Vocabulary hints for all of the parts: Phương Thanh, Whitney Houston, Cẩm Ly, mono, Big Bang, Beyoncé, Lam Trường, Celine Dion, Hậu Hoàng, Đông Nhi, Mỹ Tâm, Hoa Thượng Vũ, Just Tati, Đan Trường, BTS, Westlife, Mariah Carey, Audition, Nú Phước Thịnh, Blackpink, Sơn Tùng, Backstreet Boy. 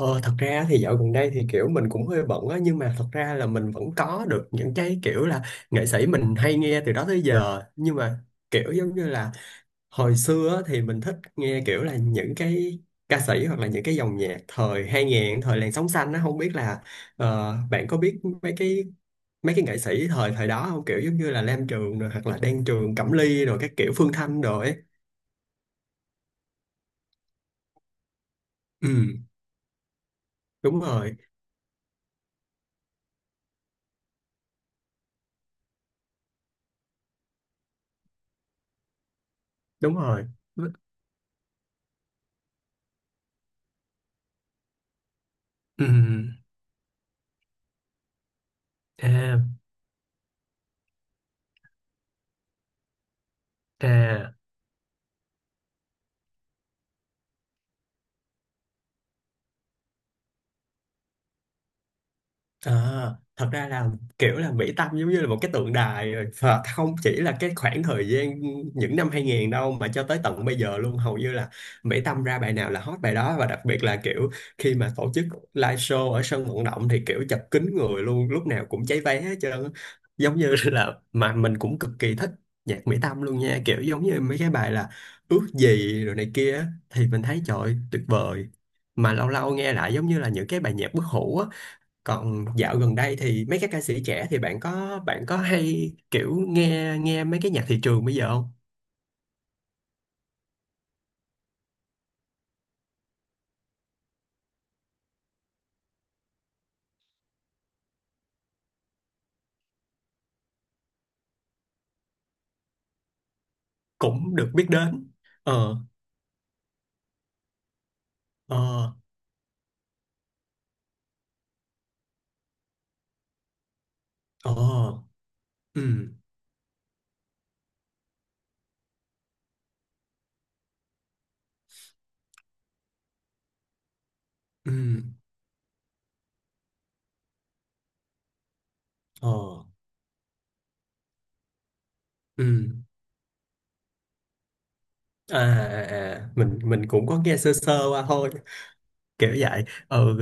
Ờ, Thật ra thì dạo gần đây thì mình cũng hơi bận á, nhưng mà thật ra là mình vẫn có được những cái kiểu là nghệ sĩ mình hay nghe từ đó tới giờ. Nhưng mà kiểu giống như là hồi xưa á, thì mình thích nghe kiểu là những cái ca sĩ hoặc là những cái dòng nhạc thời hai nghìn, thời làn sóng xanh á. Không biết là bạn có biết mấy cái nghệ sĩ thời thời đó không, kiểu giống như là Lam Trường rồi hoặc là Đan Trường, Cẩm Ly rồi các kiểu Phương Thanh rồi ấy. Ừ, đúng rồi, đúng rồi. Ừ. À, à. Ờ, thật ra là kiểu là Mỹ Tâm giống như là một cái tượng đài rồi, và không chỉ là cái khoảng thời gian những năm 2000 đâu mà cho tới tận bây giờ luôn. Hầu như là Mỹ Tâm ra bài nào là hot bài đó, và đặc biệt là kiểu khi mà tổ chức live show ở sân vận động thì kiểu chật kín người luôn, lúc nào cũng cháy vé hết trơn á. Giống như là mà mình cũng cực kỳ thích nhạc Mỹ Tâm luôn nha, kiểu giống như mấy cái bài là ước gì rồi này kia á, thì mình thấy trời ơi, tuyệt vời. Mà lâu lâu nghe lại giống như là những cái bài nhạc bất hủ á. Còn dạo gần đây thì mấy các ca sĩ trẻ thì bạn có hay kiểu nghe nghe mấy cái nhạc thị trường bây giờ không? Cũng được biết đến. Ờ, ờ, ờ, ừ, ừ, ờ, ừ. À, à, à, mình cũng có nghe sơ sơ qua thôi, kiểu vậy. Ừ.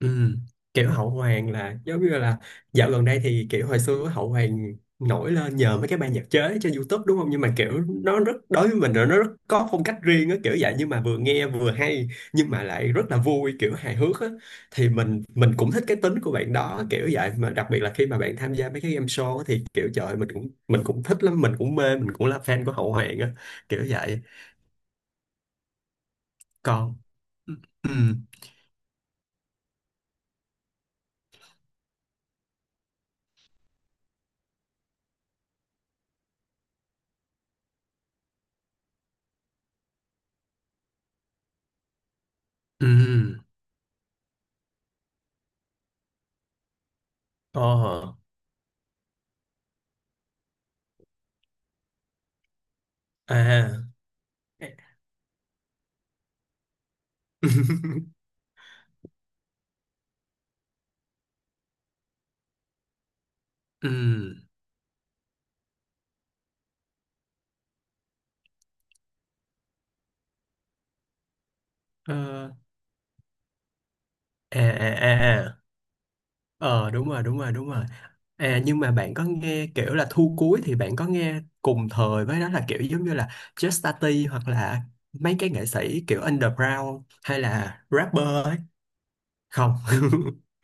Ừ. Kiểu Hậu Hoàng là giống như là dạo gần đây thì kiểu hồi xưa Hậu Hoàng nổi lên nhờ mấy cái ban nhạc chế trên YouTube đúng không, nhưng mà kiểu nó rất, đối với mình là nó rất có phong cách riêng á, kiểu vậy. Nhưng mà vừa nghe vừa hay nhưng mà lại rất là vui, kiểu hài hước á, thì mình cũng thích cái tính của bạn đó, kiểu vậy. Mà đặc biệt là khi mà bạn tham gia mấy cái game show á, thì kiểu trời ơi, mình cũng thích lắm, mình cũng mê, mình cũng là fan của Hậu Hoàng á, kiểu vậy. Còn ừ, ừ, ừ, ờ, à. Ừm, ờ, à, à, à, à. Ờ đúng rồi, đúng rồi, đúng rồi. À nhưng mà bạn có nghe kiểu là thu cuối, thì bạn có nghe cùng thời với đó là kiểu giống như là Just Tati hoặc là mấy cái nghệ sĩ kiểu underground hay là rapper ấy. Không.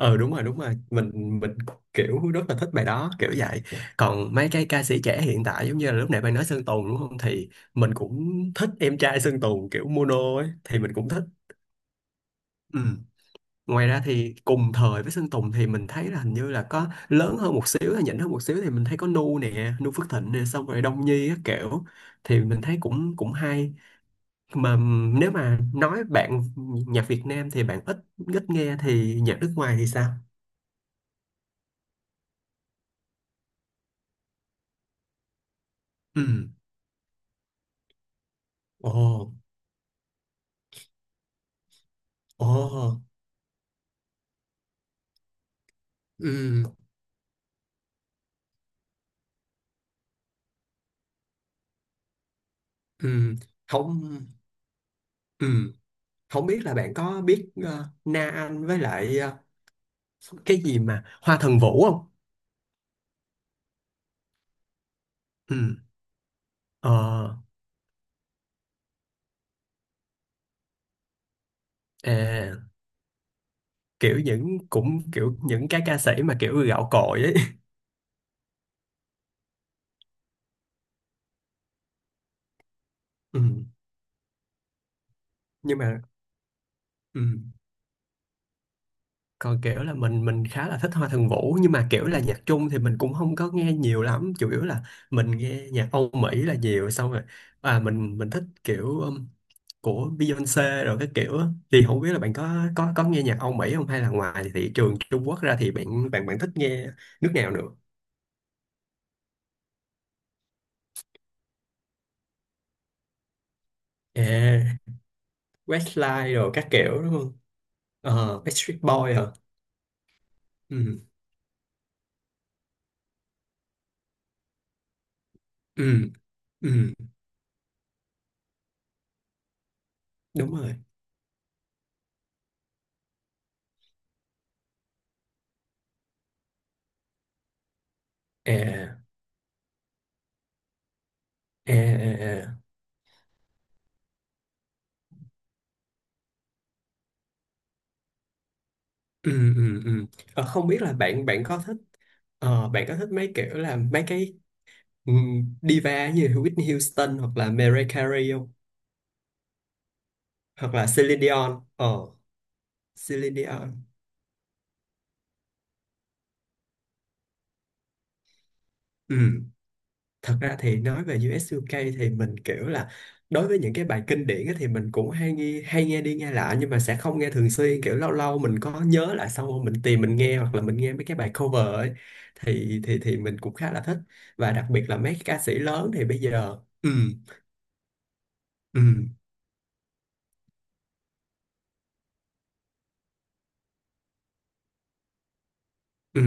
Ờ đúng rồi, đúng rồi. Mình kiểu rất là thích bài đó, kiểu vậy. Còn mấy cái ca sĩ trẻ hiện tại giống như là lúc nãy bạn nói Sơn Tùng đúng không? Thì mình cũng thích em trai Sơn Tùng kiểu mono ấy, thì mình cũng thích. Ừ. Ngoài ra thì cùng thời với Sơn Tùng thì mình thấy là hình như là có lớn hơn một xíu, hay nhỉnh hơn một xíu, thì mình thấy có Nu nè, Nu Phước Thịnh nè, xong rồi Đông Nhi các kiểu, thì mình thấy cũng cũng hay. Mà nếu mà nói bạn nhạc Việt Nam thì bạn ít ít nghe, thì nhạc nước ngoài thì sao? Ừ. Ồ, ồ. Ừ, ừ. Không. Ừ. Không biết là bạn có biết Na Anh với lại ờ, cái gì mà Hoa Thần Vũ không? Ừ. Ờ, à, kiểu những cũng kiểu những cái ca sĩ mà kiểu gạo cội ấy. Ừ. Nhưng mà ừ. Còn kiểu là mình khá là thích Hoa Thượng Vũ, nhưng mà kiểu là nhạc Trung thì mình cũng không có nghe nhiều lắm, chủ yếu là mình nghe nhạc Âu Mỹ là nhiều. Xong rồi à, mình thích kiểu của Beyoncé rồi cái kiểu á. Thì không biết là bạn có có nghe nhạc Âu Mỹ không, hay là ngoài thị trường Trung Quốc ra thì bạn bạn bạn thích nghe nước nào nữa. À, Westlife rồi các kiểu đúng không, ờ Backstreet Boy hả, ừ, ừ, ừ, đúng rồi, à, à, à, à, ừ, ừ, ừ. Ờ, không biết là bạn bạn có thích ờ, bạn có thích mấy kiểu là mấy cái diva như Whitney Houston hoặc là Mariah Carey không, hoặc là Celine Dion, ờ Celine Dion. Ừ, thật ra thì nói về US UK thì mình kiểu là đối với những cái bài kinh điển á thì mình cũng hay nghe, hay nghe đi nghe lại, nhưng mà sẽ không nghe thường xuyên, kiểu lâu lâu mình có nhớ lại xong rồi mình tìm mình nghe, hoặc là mình nghe mấy cái bài cover ấy, thì mình cũng khá là thích. Và đặc biệt là mấy ca sĩ lớn thì bây giờ ừ, ừ, ừ,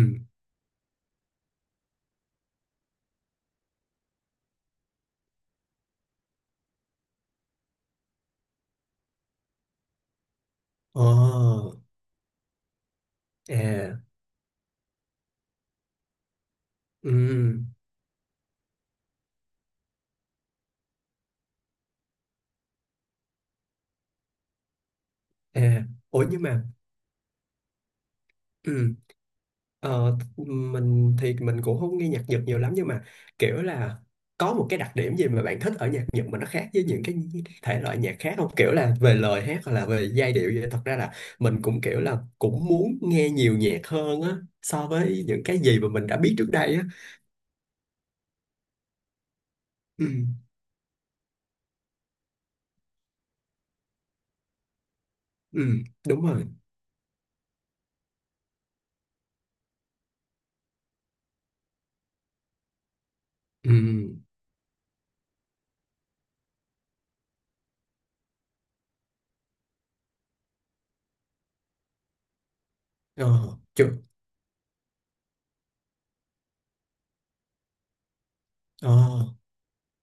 ồ, à, ừ, à, ủa nhưng mà ừ. Ờ, mình thì mình cũng không nghe nhạc Nhật nhiều lắm, nhưng mà kiểu là có một cái đặc điểm gì mà bạn thích ở nhạc Nhật mà nó khác với những cái thể loại nhạc khác không? Kiểu là về lời hát hoặc là về giai điệu vậy. Thật ra là mình cũng kiểu là cũng muốn nghe nhiều nhạc hơn á, so với những cái gì mà mình đã biết trước đây á. Ừ, ừ, đúng rồi. Ừ, ờ, chứ, ờ.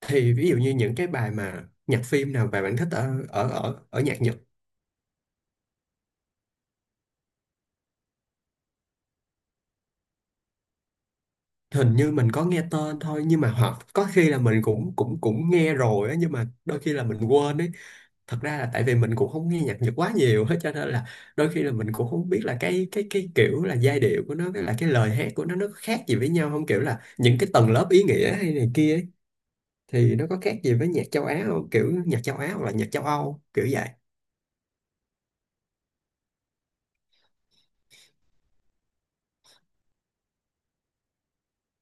Thì ví dụ như những cái bài mà nhạc phim nào mà bạn thích ở ở ở ở nhạc Nhật? Hình như mình có nghe tên thôi, nhưng mà hoặc có khi là mình cũng cũng cũng nghe rồi á, nhưng mà đôi khi là mình quên ấy. Thật ra là tại vì mình cũng không nghe nhạc Nhật quá nhiều hết, cho nên là đôi khi là mình cũng không biết là cái kiểu là giai điệu của nó với là cái lời hát của nó có khác gì với nhau không, kiểu là những cái tầng lớp ý nghĩa hay này kia ấy, thì nó có khác gì với nhạc châu Á không, kiểu nhạc châu Á hoặc là nhạc châu Âu, kiểu vậy.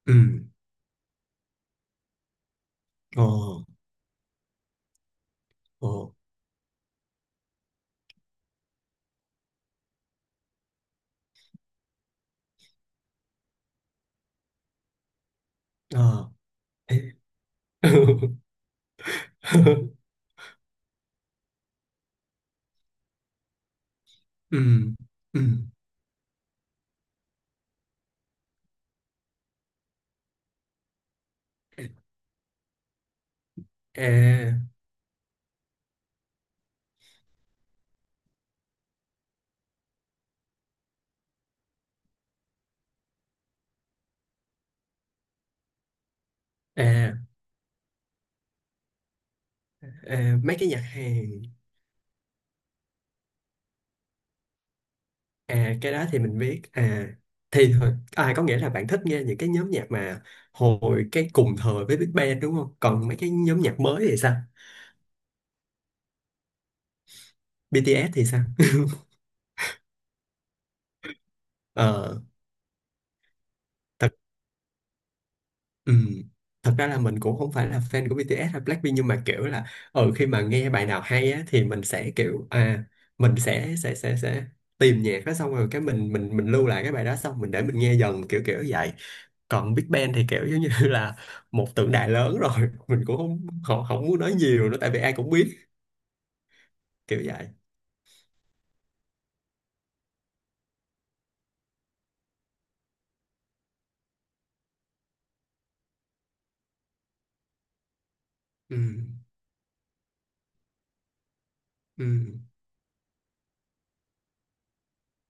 Ừ, ồ, ồ, ờ. Ê. Ừ, ừ, à, à. À, mấy cái nhạc Hàn, à cái đó thì mình biết à, thì thôi. À có nghĩa là bạn thích nghe những cái nhóm nhạc mà hồi cái cùng thời với Big Bang đúng không, còn mấy cái nhóm nhạc mới thì sao? BTS thì sao? Ờ thật ừm, thật ra là mình cũng không phải là fan của BTS hay Blackpink, nhưng mà kiểu là ở khi mà nghe bài nào hay á, thì mình sẽ kiểu à, mình sẽ tìm nhạc đó, xong rồi cái mình lưu lại cái bài đó, xong mình để mình nghe dần kiểu, kiểu vậy. Còn Big Bang thì kiểu giống như là một tượng đài lớn rồi, mình cũng không không, không muốn nói nhiều nữa tại vì ai cũng biết, kiểu vậy. Ừ, ừ.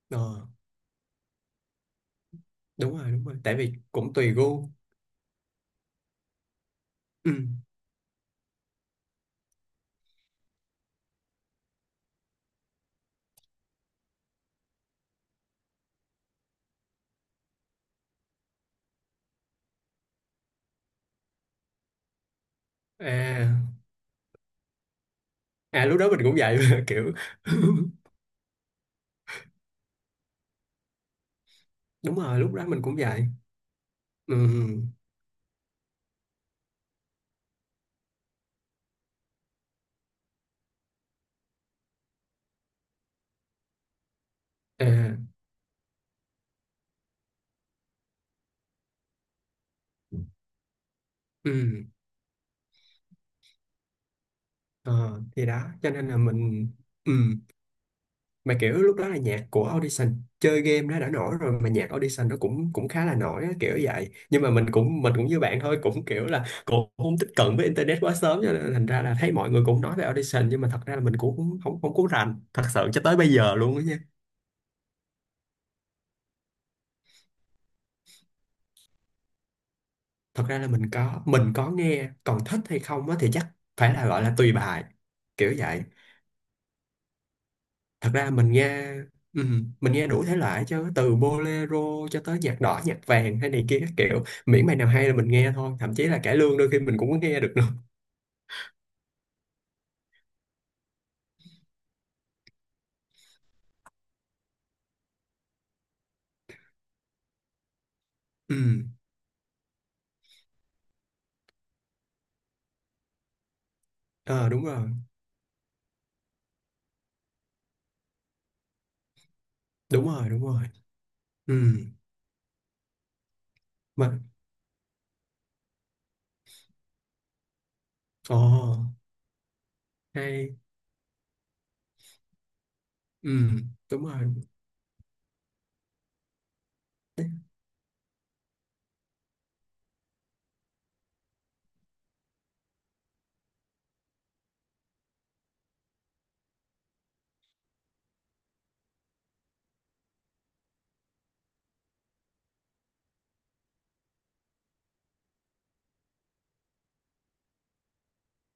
Ờ, đúng rồi, đúng rồi, tại vì cũng tùy gu. Ừ, à, à lúc đó mình cũng vậy kiểu. Đúng rồi, lúc đó mình cũng vậy. Ừ, à, ừ, ờ, thì đó cho nên là mình ừ. Mà kiểu lúc đó là nhạc của Audition chơi game nó đã nổi rồi, mà nhạc Audition nó cũng cũng khá là nổi á, kiểu vậy. Nhưng mà mình cũng như bạn thôi, cũng kiểu là cũng không tiếp cận với internet quá sớm, cho nên thành ra là thấy mọi người cũng nói về Audition, nhưng mà thật ra là mình cũng không không không có rành thật sự cho tới bây giờ luôn á nha. Thật ra là mình có nghe, còn thích hay không á thì chắc phải là gọi là tùy bài, kiểu vậy. Thật ra mình nghe đủ thể loại chứ, từ bolero cho tới nhạc đỏ nhạc vàng hay này kia các kiểu, miễn bài nào hay là mình nghe thôi, thậm chí là cải lương đôi khi mình cũng có nghe được nữa. Ừm, ờ đúng rồi, đúng rồi, đúng rồi. Ừm, mà ồ hay. Ừm, đúng rồi.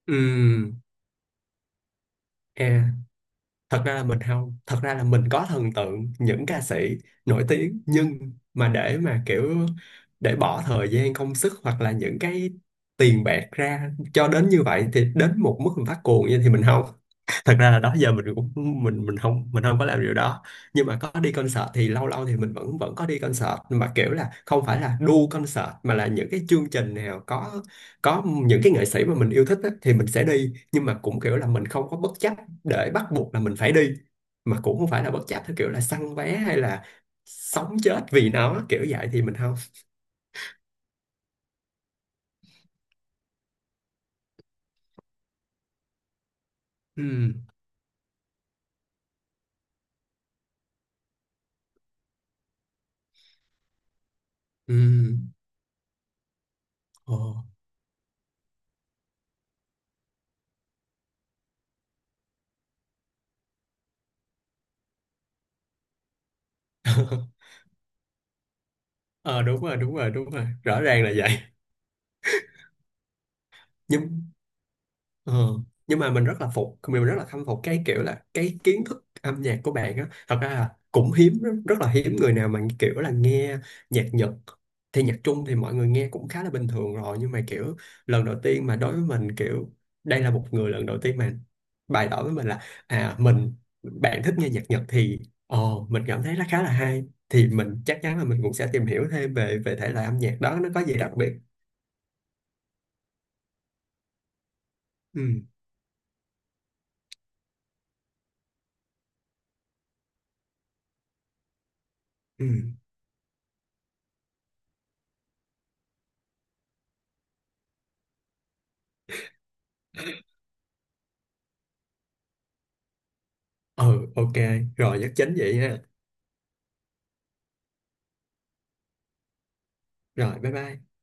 Ừm, à thật ra là mình không thật ra là mình có thần tượng những ca sĩ nổi tiếng, nhưng mà để mà kiểu để bỏ thời gian công sức hoặc là những cái tiền bạc ra cho đến như vậy, thì đến một mức mình phát cuồng như thì mình không. Thật ra là đó giờ mình không, mình không có làm điều đó. Nhưng mà có đi concert thì lâu lâu thì mình vẫn vẫn có đi concert, mà kiểu là không phải là đu concert mà là những cái chương trình nào có những cái nghệ sĩ mà mình yêu thích á, thì mình sẽ đi. Nhưng mà cũng kiểu là mình không có bất chấp để bắt buộc là mình phải đi, mà cũng không phải là bất chấp theo kiểu là săn vé hay là sống chết vì nó, kiểu vậy thì mình không. Ừ, ừ, ồ. Ờ đúng rồi, đúng rồi, đúng rồi, rõ ràng là vậy. Nhưng Ờ, nhưng mà mình rất là phục, mình rất là khâm phục cái kiểu là cái kiến thức âm nhạc của bạn á. Thật ra là cũng hiếm, rất, rất là hiếm người nào mà kiểu là nghe nhạc Nhật. Thì nhạc Trung thì mọi người nghe cũng khá là bình thường rồi, nhưng mà kiểu lần đầu tiên mà đối với mình kiểu đây là một người lần đầu tiên mà bày tỏ với mình là à bạn thích nghe nhạc Nhật, thì ờ mình cảm thấy nó khá là hay, thì mình chắc chắn là mình cũng sẽ tìm hiểu thêm về về thể loại âm nhạc đó nó có gì đặc biệt. Ừ, ừ, ừ, ok, rồi nhắc chính vậy ha. Rồi, bye bye.